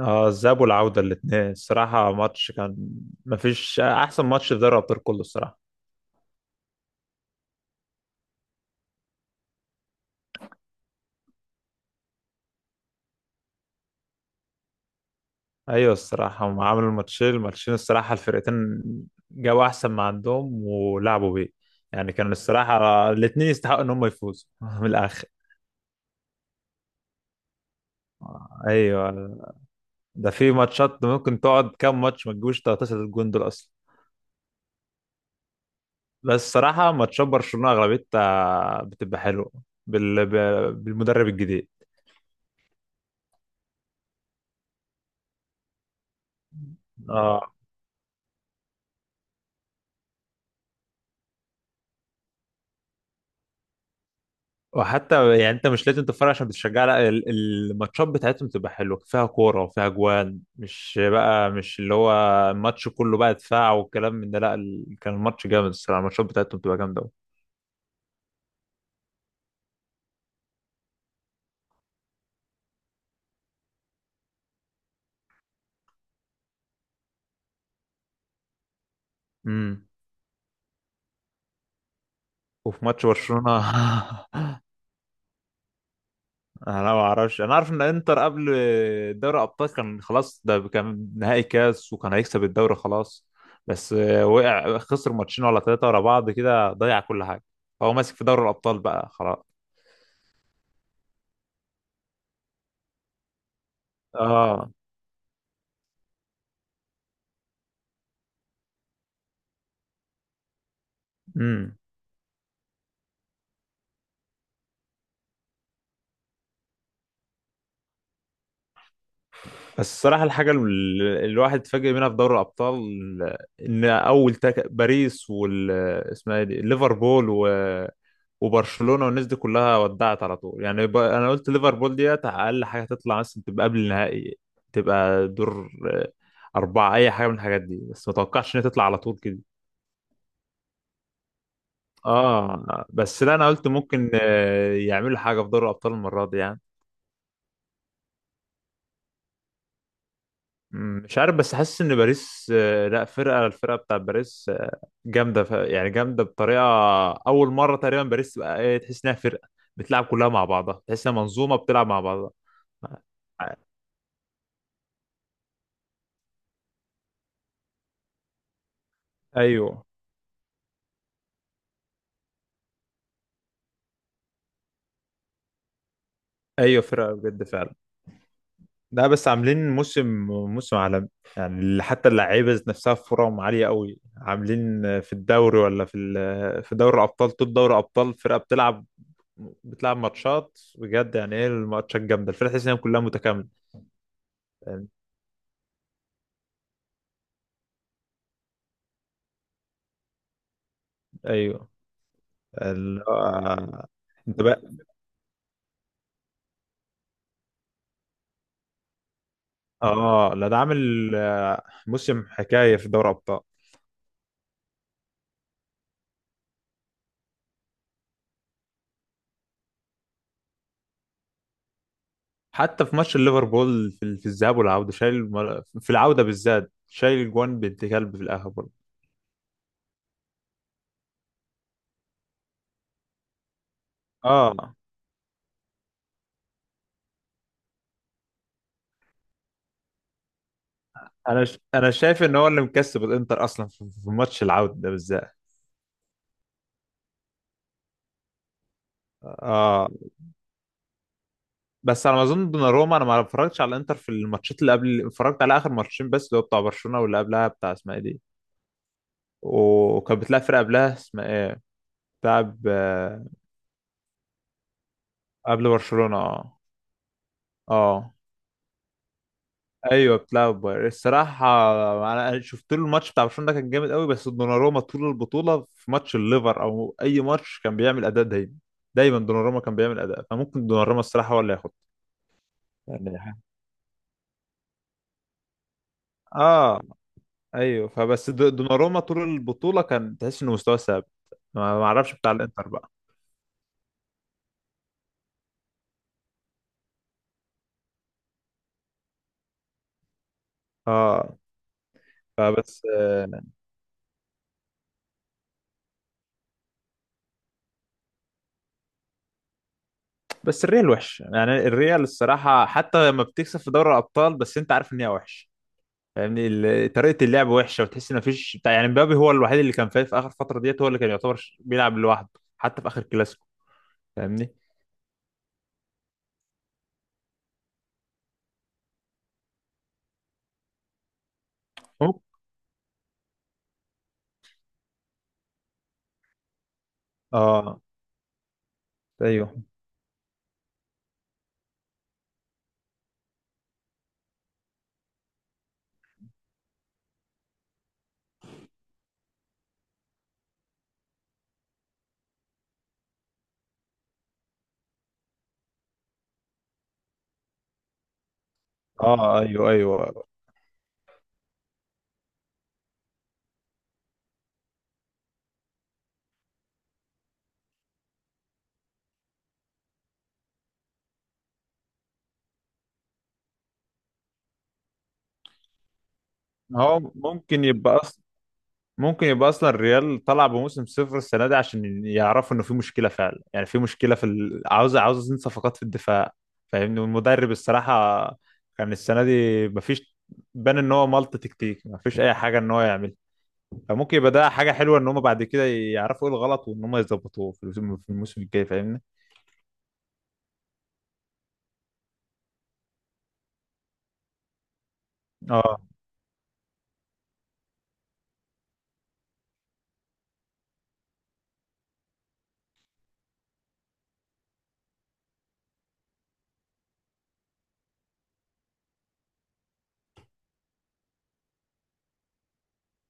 اه، الذهاب والعودة الاتنين الصراحة ماتش كان. مفيش أحسن ماتش في دوري الأبطال كله الصراحة. أيوة الصراحة هم عملوا الماتشين الصراحة الفرقتين جابوا أحسن ما عندهم ولعبوا بيه. يعني كان الصراحة الاتنين يستحقوا إن هم يفوزوا من الآخر. أيوة، ده في ماتشات ممكن تقعد كام ماتش ما تجيبوش 13 جون دول أصلا. بس الصراحة ماتشات برشلونة أغلبيتها بتبقى حلوة بالمدرب الجديد. اه. وحتى يعني انت مش لازم تتفرج عشان بتشجع، لا، الماتشات بتاعتهم تبقى حلوه فيها كوره وفيها جوان، مش بقى مش اللي هو الماتش كله بقى دفاع والكلام من ده. لا، كان الماتش جامد الصراحه، الماتشات بتاعتهم تبقى جامده أوي. امم وفي ماتش برشلونه. انا ما اعرفش، انا عارف ان انتر قبل دوري ابطال كان خلاص، ده كان نهائي كاس وكان هيكسب الدوري خلاص. بس وقع، خسر ماتشين ولا ثلاثه ورا بعض كده، ضيع كل حاجه. هو ماسك في دوري الابطال بقى خلاص. اه. امم بس الصراحة الحاجة اللي الواحد اتفاجئ منها في دوري الأبطال، إن باريس وال اسمها إيه دي ليفربول وبرشلونة والناس دي كلها ودعت على طول. يعني أنا قلت ليفربول ديت أقل حاجة تطلع مثلا تبقى قبل النهائي، تبقى دور أربعة، أي حاجة من الحاجات دي، بس ما توقعش إنها تطلع على طول كده. آه بس لا، أنا قلت ممكن يعملوا حاجة في دوري الأبطال المرة دي يعني. مش عارف، بس حاسس إن باريس، لا، فرقة، الفرقة بتاع باريس جامده. يعني جامده بطريقه، اول مره تقريبا باريس تبقى ايه، تحس انها فرقه بتلعب كلها مع بعضها، تحس انها منظومه بتلعب مع بعضها. ايوه، ايوه، فرقه بجد فعلا. لا بس عاملين موسم، موسم عالمي. يعني حتى اللعيبه ذات نفسها فرقهم عاليه قوي، عاملين في الدوري ولا في في دوري الابطال، طول دوري ابطال فرقه بتلعب، بتلعب ماتشات بجد. يعني ايه، الماتشات جامده، الفرقه تحس انها كلها متكامله. ايوه. ال... آه، انت بقى. اه لا، ده عامل موسم حكايه في دوري ابطال. حتى في ماتش ليفربول في الذهاب والعوده شايل، في العوده بالذات شايل الجوان بنت كلب في الاخر برضه. اه. انا انا شايف ان هو اللي مكسب الانتر اصلا في ماتش العوده ده بالذات. اه بس على ما اظن دوناروما، انا ما اتفرجتش على الانتر في الماتشات اللي قبل، اتفرجت على اخر ماتشين بس اللي هو بتاع برشلونه واللي قبلها بتاع اسمها ايه دي. وكانت بتلعب فرقه قبلها اسمها ايه، بتلعب قبل برشلونه. اه. اه ايوه، بتلعب بايرن الصراحه. انا شفت له الماتش بتاع برشلونه ده كان جامد قوي، بس دوناروما طول البطوله في ماتش الليفر او اي ماتش كان بيعمل اداء دايما، دايما دوناروما كان بيعمل اداء، فممكن دوناروما الصراحه هو اللي ياخد. يعني ح- اه ايوه. فبس دوناروما طول البطوله كان تحس انه مستواه ثابت. ما اعرفش بتاع الانتر بقى. اه فبس بس الريال وحش، يعني الريال الصراحه حتى لما بتكسب في دوري الابطال، بس انت عارف ان هي وحش. فاهمني طريقه اللعب وحشه، وتحس ان مفيش بتاع، يعني مبابي هو الوحيد اللي كان فايق في اخر فتره ديت، هو اللي كان يعتبر بيلعب لوحده حتى في اخر كلاسيكو. فاهمني. مم- اه ايوه. اه ايوه، ايوه. هو ممكن يبقى اصلا، ممكن يبقى اصلا الريال طلع بموسم صفر السنه دي عشان يعرفوا انه في مشكله فعلا، يعني في مشكله في عاوزين صفقات في الدفاع. فاهمني. والمدرب الصراحه كان السنه دي مفيش، بان ان هو ملط تكتيك، مفيش اي حاجه ان هو يعمل. فممكن يبقى ده حاجه حلوه ان هم بعد كده يعرفوا ايه الغلط، وان هم يظبطوه في الموسم، في الموسم الجاي. فاهمني. اه.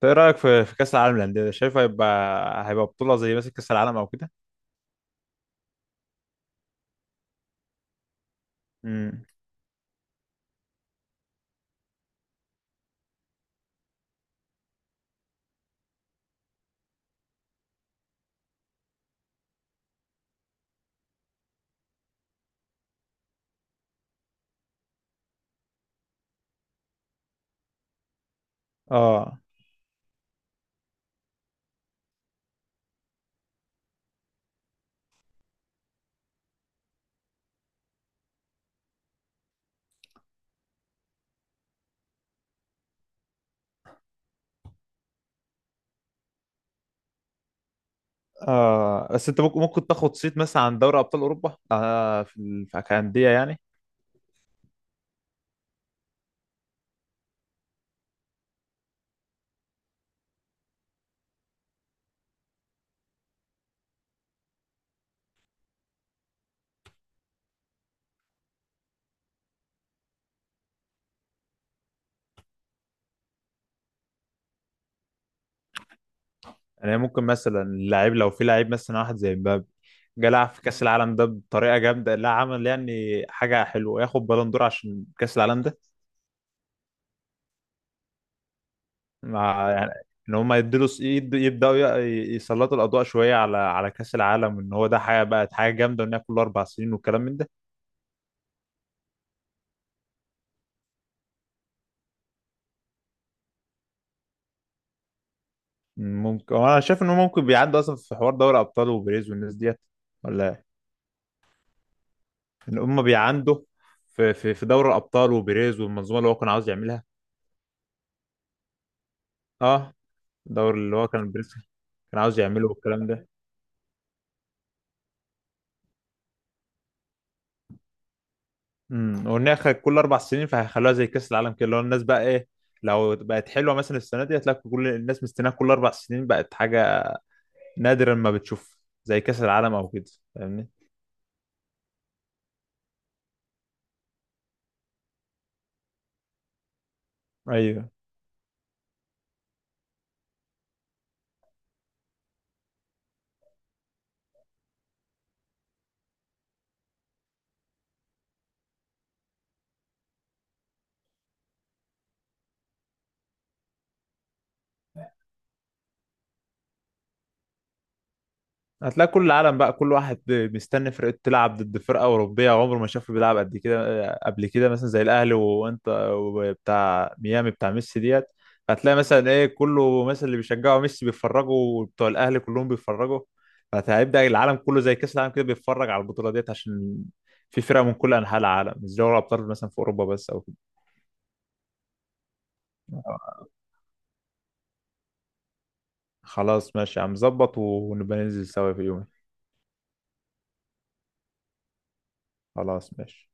طيب ايه رايك في كاس العالم للانديه ده؟ شايف هيبقى، هيبقى بطوله زي مثلا كاس العالم او كده؟ امم. اه، اه بس انت ممكن، ممكن تاخد صيت مثلا عن دوري ابطال اوروبا في كانديه يعني. يعني ممكن مثلا اللاعب لو في لاعب مثلا واحد زي مبابي جه لعب في كاس العالم ده بطريقه جامده، لا عمل يعني حاجه حلوه، ياخد بالون دور عشان كاس العالم ده. مع يعني ان هم يدوا، يبداوا يسلطوا الاضواء شويه على كاس العالم، وان هو ده حاجه، بقت حاجه جامده، وان هي كل اربع سنين والكلام من ده. ممكن. انا شايف ان هم ممكن بيعندوا اصلا، في حوار دوري ابطال وبيريز والناس ديت، ولا ان هم بيعندوا في دوري الابطال وبيريز والمنظومه اللي هو كان عاوز يعملها. اه، الدوري اللي هو كان بيريز كان عاوز يعمله والكلام ده. امم. وان هي كل اربع سنين، فهيخلوها زي كاس العالم كده، اللي هو الناس بقى ايه، لو بقت حلوه مثلا السنه دي هتلاقي كل الناس مستناها، كل اربع سنين بقت حاجه نادرا ما بتشوف، زي كاس العالم او كده. فاهمني. ايوه. هتلاقي كل العالم بقى كل واحد مستني فرقته تلعب ضد فرقه اوروبيه عمره ما شافه بيلعب قد كده، قبل كده مثلا زي الاهلي وانت وبتاع ميامي بتاع ميسي ديت. هتلاقي مثلا ايه، كله مثلا اللي بيشجعوا ميسي بيتفرجوا، وبتوع الاهلي كلهم بيتفرجوا. فهيبدأ العالم كله زي كاس العالم كده بيتفرج على البطوله ديت، عشان في فرق من كل انحاء العالم، مش دوري ابطال مثلا في اوروبا بس او كده. خلاص ماشي، هنظبط ونبقى ننزل سوا في يوم. خلاص ماشي.